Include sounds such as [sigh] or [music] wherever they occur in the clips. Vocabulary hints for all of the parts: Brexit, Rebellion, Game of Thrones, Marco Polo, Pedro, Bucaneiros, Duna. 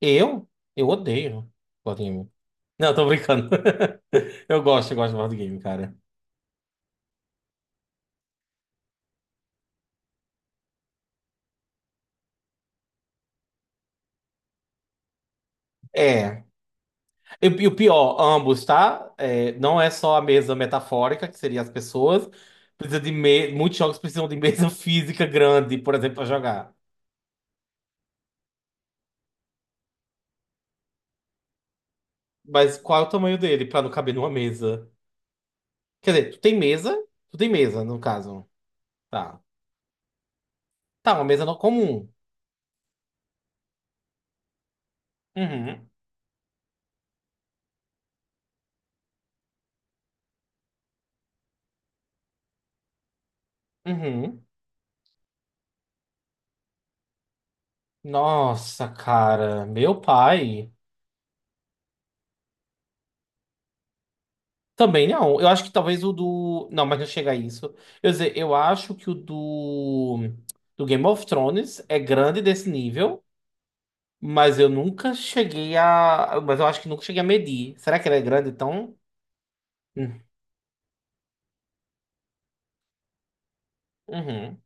Eu? Eu odeio board game. Não, tô brincando. [laughs] Eu gosto de board game, cara. É. E o pior, ambos, tá? É, não é só a mesa metafórica, que seria as pessoas. Muitos jogos precisam de mesa [laughs] física grande, por exemplo, pra jogar. Mas qual é o tamanho dele pra não caber numa mesa? Quer dizer, tu tem mesa? Tu tem mesa, no caso. Tá. Tá, uma mesa comum. Uhum. Uhum. Nossa, cara. Meu pai. Também não. Eu acho que talvez o do. Não, mas não chega a isso. Eu ia dizer, eu acho que o do. Do Game of Thrones é grande desse nível, mas eu nunca cheguei a. Mas eu acho que nunca cheguei a medir. Será que ele é grande então? Hum. Uhum.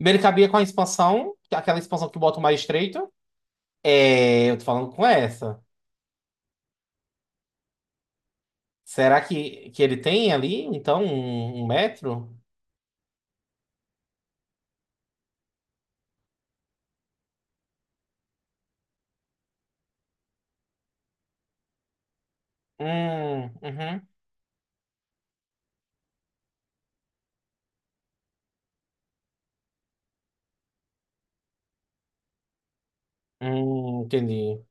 Ele cabia com a expansão, aquela expansão que bota o mais estreito. É, eu tô falando com essa. Será que ele tem ali, então, um metro? Uhum. Entendi.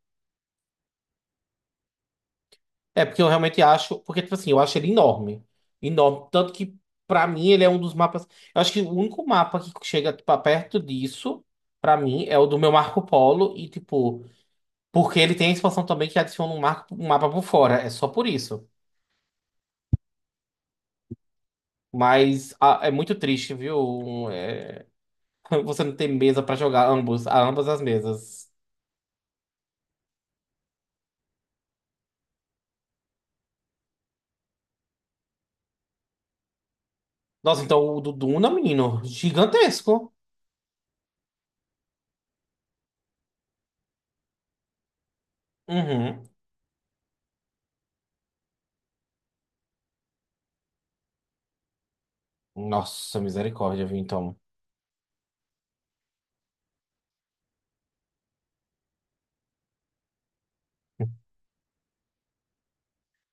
É, porque eu realmente acho. Porque, tipo assim, eu acho ele enorme. Enorme. Tanto que, pra mim, ele é um dos mapas. Eu acho que o único mapa que chega, tipo, a perto disso, pra mim, é o do meu Marco Polo. E, tipo, porque ele tem a expansão também que adiciona um, marco, um mapa por fora. É só por isso. Mas ah, é muito triste, viu? É. [laughs] Você não tem mesa pra jogar ambos, a ambas as mesas. Nossa, então o do Duna, menino, gigantesco. Uhum. Nossa, misericórdia, viu, então.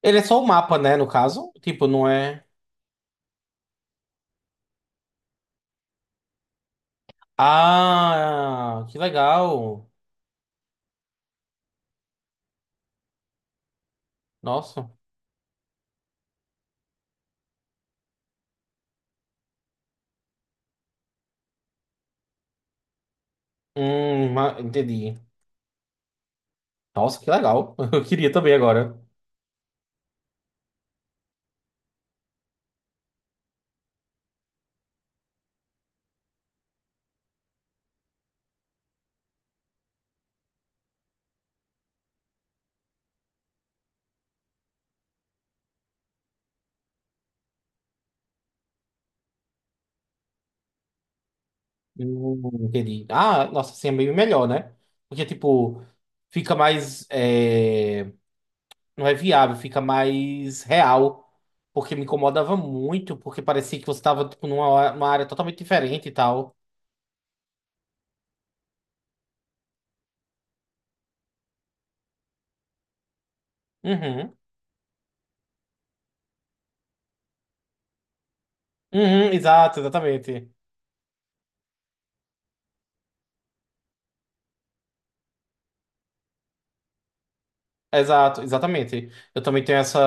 Ele é só o mapa, né, no caso? Tipo, não é. Ah, que legal. Nossa. Entendi. Nossa, que legal. [laughs] Eu queria também agora. Entendi. Ah, nossa, assim é meio melhor, né? Porque, tipo, fica mais. É, não é viável, fica mais real. Porque me incomodava muito, porque parecia que você tava, tipo, numa área totalmente diferente e tal. Uhum. Uhum, exato, exatamente. Exato, exatamente. Eu também tenho essa,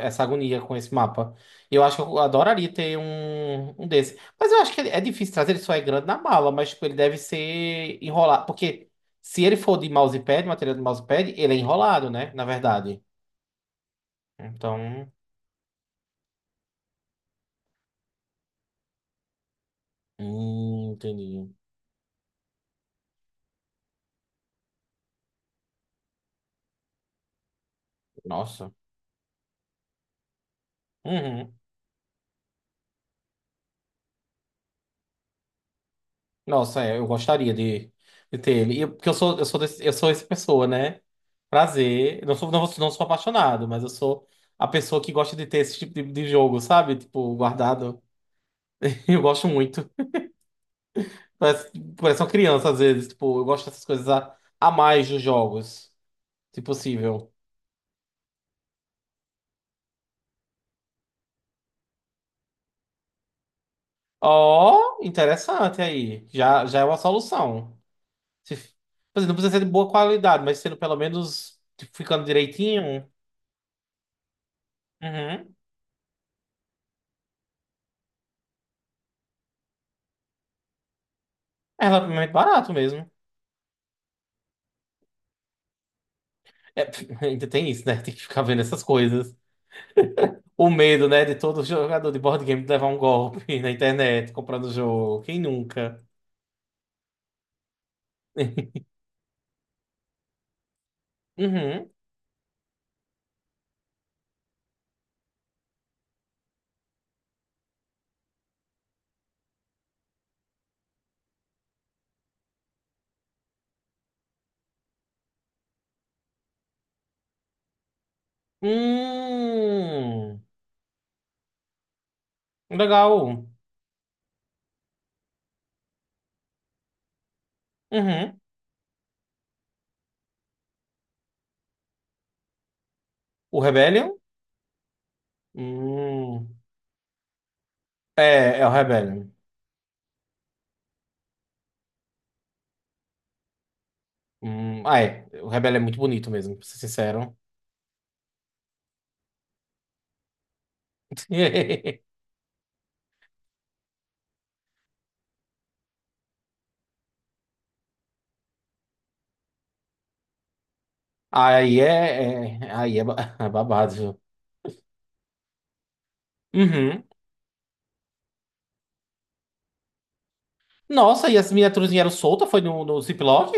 essa agonia com esse mapa. E eu acho que eu adoraria ter um desse. Mas eu acho que é difícil trazer, ele só é grande na mala, mas tipo, ele deve ser enrolado. Porque se ele for de mousepad, material de mousepad, ele é enrolado, né? Na verdade. Então. Entendi. Nossa. Uhum. Nossa, é, eu gostaria de ter ele. Porque eu sou essa pessoa, né? Prazer. Eu não sou, não sou apaixonado, mas eu sou a pessoa que gosta de ter esse tipo de jogo, sabe? Tipo, guardado. [laughs] Eu gosto muito. Parece, parece uma criança, às vezes. Tipo, eu gosto dessas coisas a mais dos jogos, se possível. Ó, interessante aí. Já, já é uma solução. Se, quer dizer, não precisa ser de boa qualidade, mas sendo pelo menos tipo, ficando direitinho. Uhum. É relativamente barato mesmo. É, [laughs] ainda tem isso, né? Tem que ficar vendo essas coisas. O medo, né, de todo jogador de board game levar um golpe [laughs] na internet, comprando o jogo. Quem nunca? [laughs] Uhum. Hum. Legal. Uhum. O Rebellion? Hum. É o Rebellion. Hum. Ah, é. O Rebellion é muito bonito mesmo, pra ser sincero. [laughs] Aí é, é- Aí é, ba- [laughs] É babado, viu? Uhum. Nossa, e as miniaturas eram soltas? Foi no Ziploc?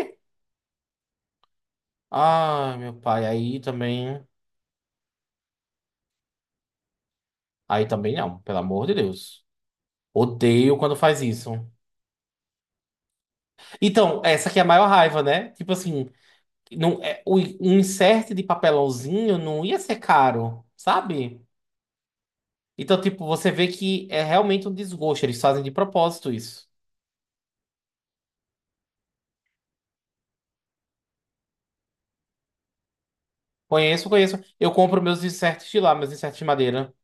Ai, meu pai, aí também. Aí também não, pelo amor de Deus. Odeio quando faz isso. Então, essa aqui é a maior raiva, né? Tipo assim, não, é, um insert de papelãozinho não ia ser caro, sabe? Então, tipo, você vê que é realmente um desgosto. Eles fazem de propósito isso. Conheço, conheço. Eu compro meus inserts de lá, meus inserts de madeira.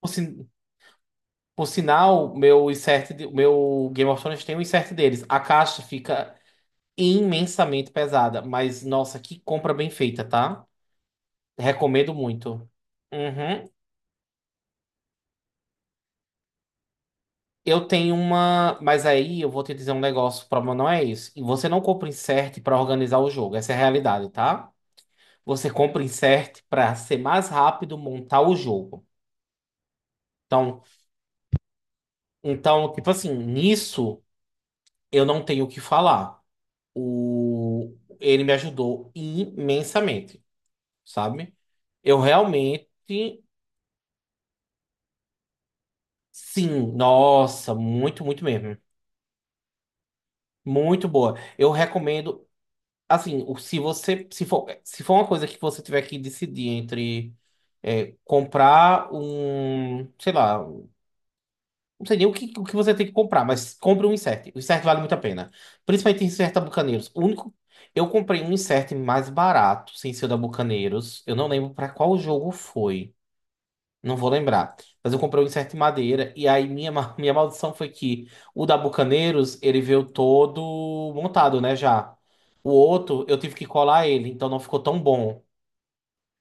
Por, sin- por sinal, meu insert, meu Game of Thrones tem um insert deles. A caixa fica imensamente pesada, mas nossa, que compra bem feita, tá? Recomendo muito. Uhum. Eu tenho uma, mas aí eu vou te dizer um negócio, o problema não é isso. E você não compra insert para organizar o jogo, essa é a realidade, tá? Você compra insert para ser mais rápido montar o jogo. Então, então, tipo assim, nisso eu não tenho o que falar. O ele me ajudou imensamente, sabe? Eu realmente. Sim, nossa, muito, muito mesmo. Muito boa. Eu recomendo, assim, se você, se for uma coisa que você tiver que decidir entre é, comprar um, sei lá, não sei nem o que, você tem que comprar, mas compre um insert. O insert vale muito a pena. Principalmente insert da Bucaneiros. O único, eu comprei um insert mais barato, sem ser o da Bucaneiros. Eu não lembro para qual jogo foi. Não vou lembrar. Mas eu comprei um incerto de madeira. E aí [laughs] minha maldição foi que o da Bucaneiros, ele veio todo montado, né, já. O outro, eu tive que colar ele, então não ficou tão bom.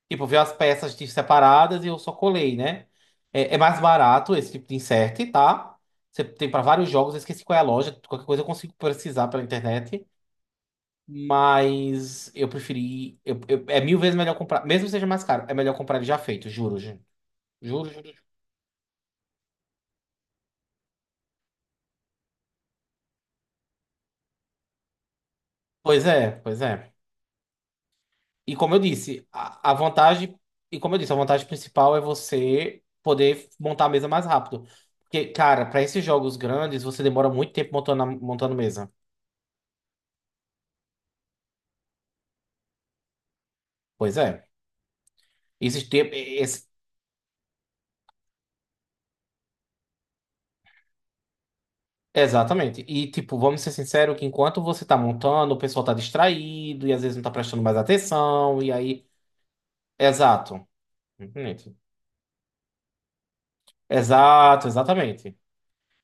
Tipo, veio as peças separadas e eu só colei, né? É mais barato esse tipo de insert, tá? Você tem para vários jogos, eu esqueci qual é a loja. Qualquer coisa eu consigo precisar pela internet. Mas eu preferi. É mil vezes melhor comprar. Mesmo que seja mais caro, é melhor comprar ele já feito, juro, gente. Juro, juro, juro. Pois é, pois é. E como eu disse, a vantagem, e como eu disse, a vantagem principal é você poder montar a mesa mais rápido. Porque, cara, para esses jogos grandes, você demora muito tempo montando, montando mesa. Pois é. Esse tempo, esse- exatamente. E, tipo, vamos ser sinceros que enquanto você tá montando, o pessoal tá distraído e às vezes não tá prestando mais atenção. E aí. Exato. Exatamente. Exato, exatamente.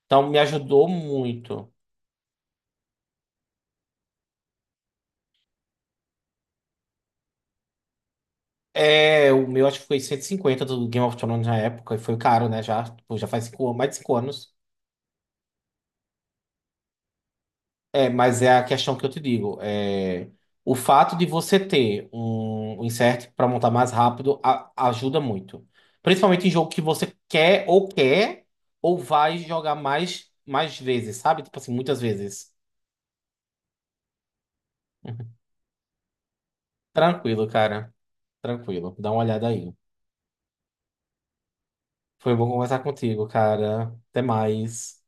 Então, me ajudou muito. É, o meu acho que foi 150 do Game of Thrones na época, e foi caro, né? Já, tipo, já faz 5, mais de 5 anos. É, mas é a questão que eu te digo. É, o fato de você ter um insert para montar mais rápido ajuda muito. Principalmente em jogo que você quer ou quer, ou vai jogar mais, mais vezes, sabe? Tipo assim, muitas vezes. [laughs] Uhum. Tranquilo, cara. Tranquilo. Dá uma olhada aí. Foi bom conversar contigo, cara. Até mais.